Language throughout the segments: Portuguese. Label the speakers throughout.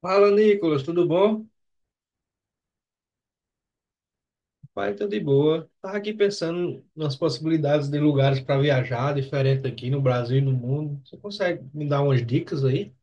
Speaker 1: Fala, Nicolas, tudo bom? Pai, tudo de boa. Tava aqui pensando nas possibilidades de lugares para viajar, diferente aqui no Brasil e no mundo. Você consegue me dar umas dicas aí?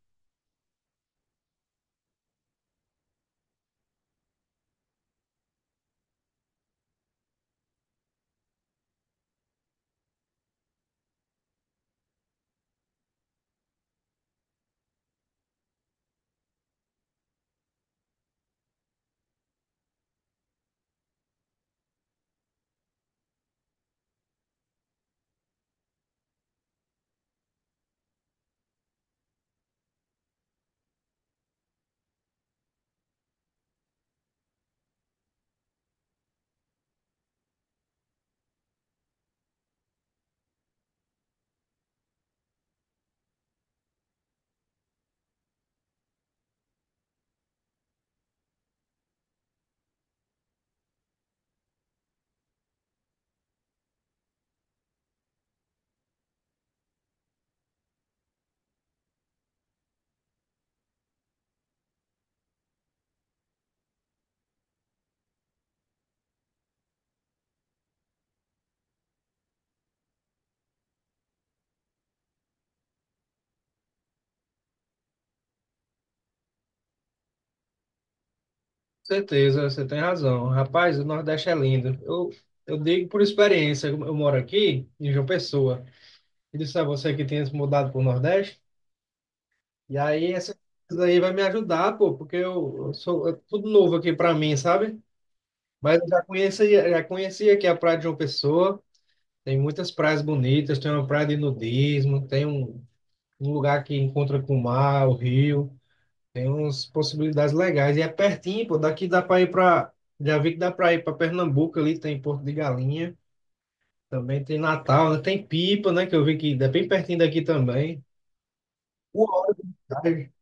Speaker 1: Certeza, você tem razão. Rapaz, o Nordeste é lindo. Eu digo por experiência, eu moro aqui em João Pessoa. E disse a você que tinha se mudado para o Nordeste. E aí, essa coisa aí vai me ajudar, pô, porque eu sou é tudo novo aqui para mim, sabe? Mas eu já conhecia aqui a Praia de João Pessoa. Tem muitas praias bonitas, tem uma praia de nudismo, um lugar que encontra com o mar, o rio, tem umas possibilidades legais. E é pertinho, pô, daqui dá para ir para. Já vi que dá para ir para Pernambuco ali, tem Porto de Galinha, também tem Natal, né? Tem Pipa, né? Que eu vi que é bem pertinho daqui também. Uma hora de viagem.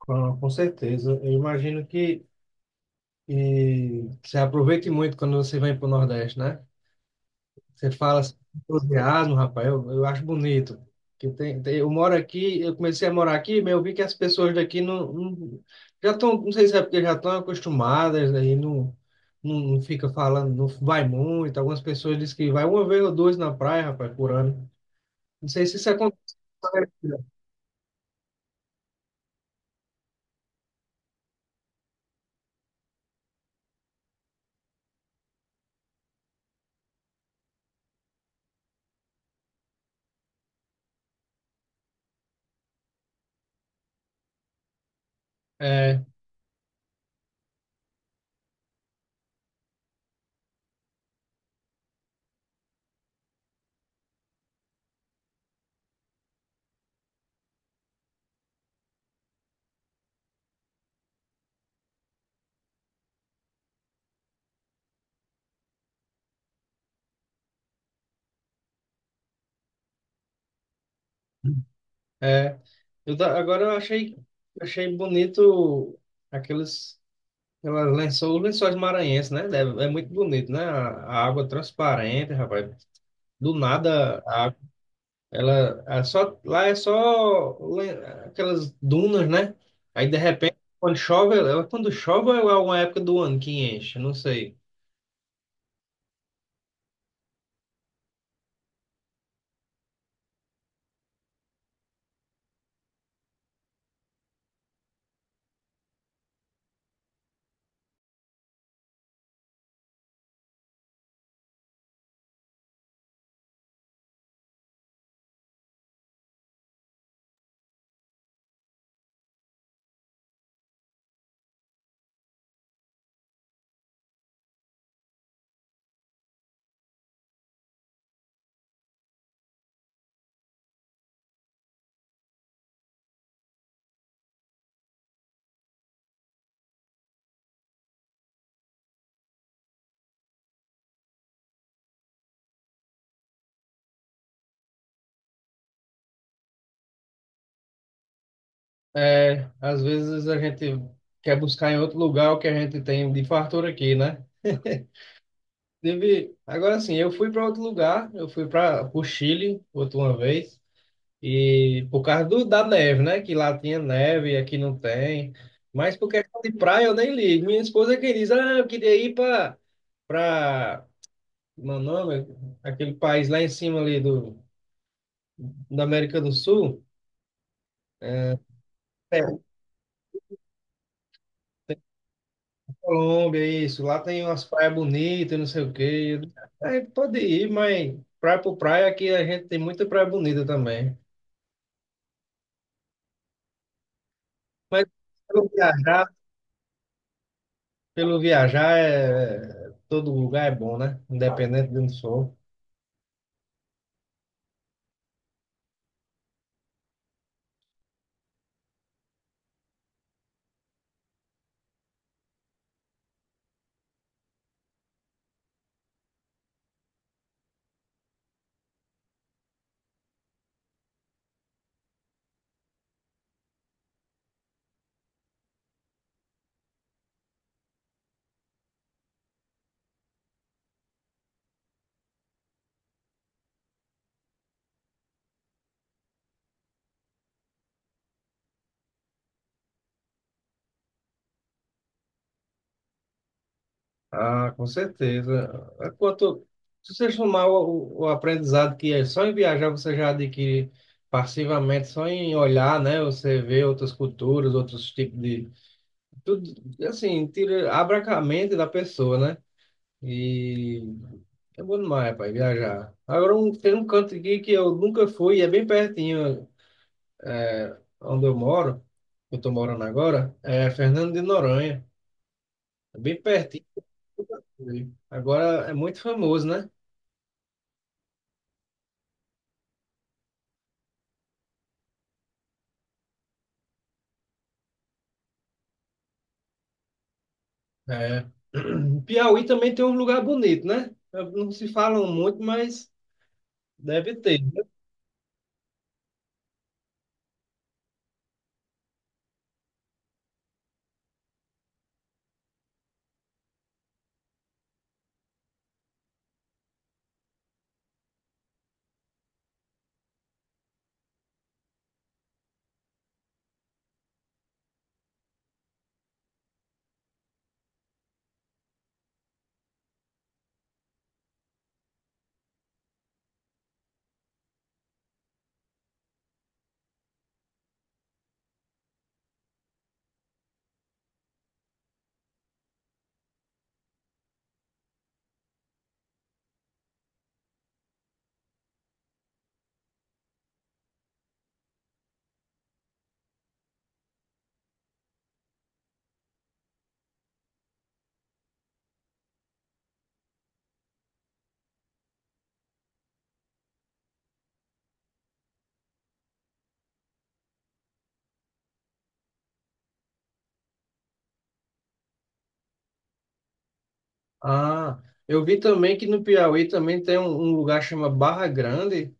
Speaker 1: Com certeza. Eu imagino que você aproveite muito quando você vem para o Nordeste, né? Você fala assim, entusiasmo, rapaz, eu acho bonito. Que eu moro aqui, eu comecei a morar aqui, mas eu vi que as pessoas daqui já estão, não sei se é porque já estão acostumadas, aí não fica falando, não vai muito. Algumas pessoas dizem que vai uma vez ou duas na praia, rapaz, por ano. Não sei se isso acontece. É, é. Agora eu achei bonito aqueles, aquelas lençóis, lençóis maranhenses, né? Deve- é, muito bonito, né? A água transparente, rapaz. Do nada, ela é só, lá é só le- aquelas dunas, né? Aí de repente, quando chove, quando chove ou é uma época do ano que enche, não sei. É, às vezes a gente quer buscar em outro lugar o que a gente tem de fartura aqui, né? Teve, agora sim, eu fui para outro lugar, eu fui para o Chile outra uma vez. E por causa da neve, né? Que lá tinha neve e aqui não tem. Mas por questão de praia eu nem ligo. Minha esposa que diz, ah, eu queria ir para meu nome, aquele país lá em cima ali do da América do Sul, é, é, Colômbia, isso. Lá tem umas praias bonitas, não sei o quê. "É, pode ir, mas praia por praia aqui a gente tem muita praia bonita também. Mas pelo viajar, pelo viajar é, todo lugar é bom, né? Independente de onde for. Ah, com certeza. É. Quanto, se você somar o aprendizado que é só em viajar você já adquire passivamente, só em olhar, né? Você vê outras culturas, outros tipos de... Tudo, assim, tira, abre a mente da pessoa, né? E é bom demais, pai, viajar. Agora, um, tem um canto aqui que eu nunca fui, e é bem pertinho, é, onde eu moro, eu tô morando agora, é Fernando de Noronha. É bem pertinho. Agora é muito famoso, né? É. Piauí também tem um lugar bonito, né? Não se falam muito, mas deve ter, né? Ah, eu vi também que no Piauí também tem um lugar chamado Barra Grande,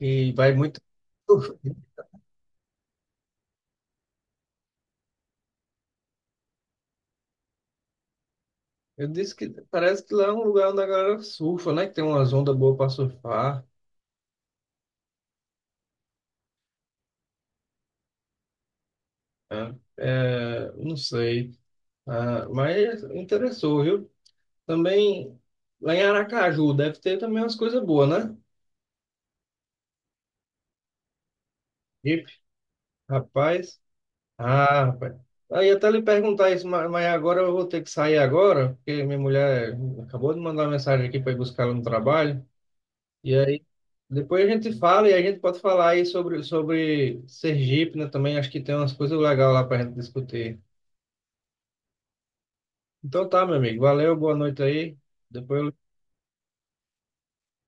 Speaker 1: e vai muito. Eu disse que parece que lá é um lugar onde a galera surfa, né? Que tem umas ondas boas para surfar, né? É, não sei. Ah, mas interessou, viu? Também lá em Aracaju deve ter também umas coisas boas, né? Ipe, rapaz. Ah, rapaz. Aí até lhe perguntar isso, ma- mas agora eu vou ter que sair agora, porque minha mulher acabou de mandar mensagem aqui para ir buscar ela no trabalho. E aí depois a gente fala e a gente pode falar aí sobre, sobre Sergipe, né? Também acho que tem umas coisas legais lá para a gente discutir. Então tá, meu amigo. Valeu, boa noite aí. Depois eu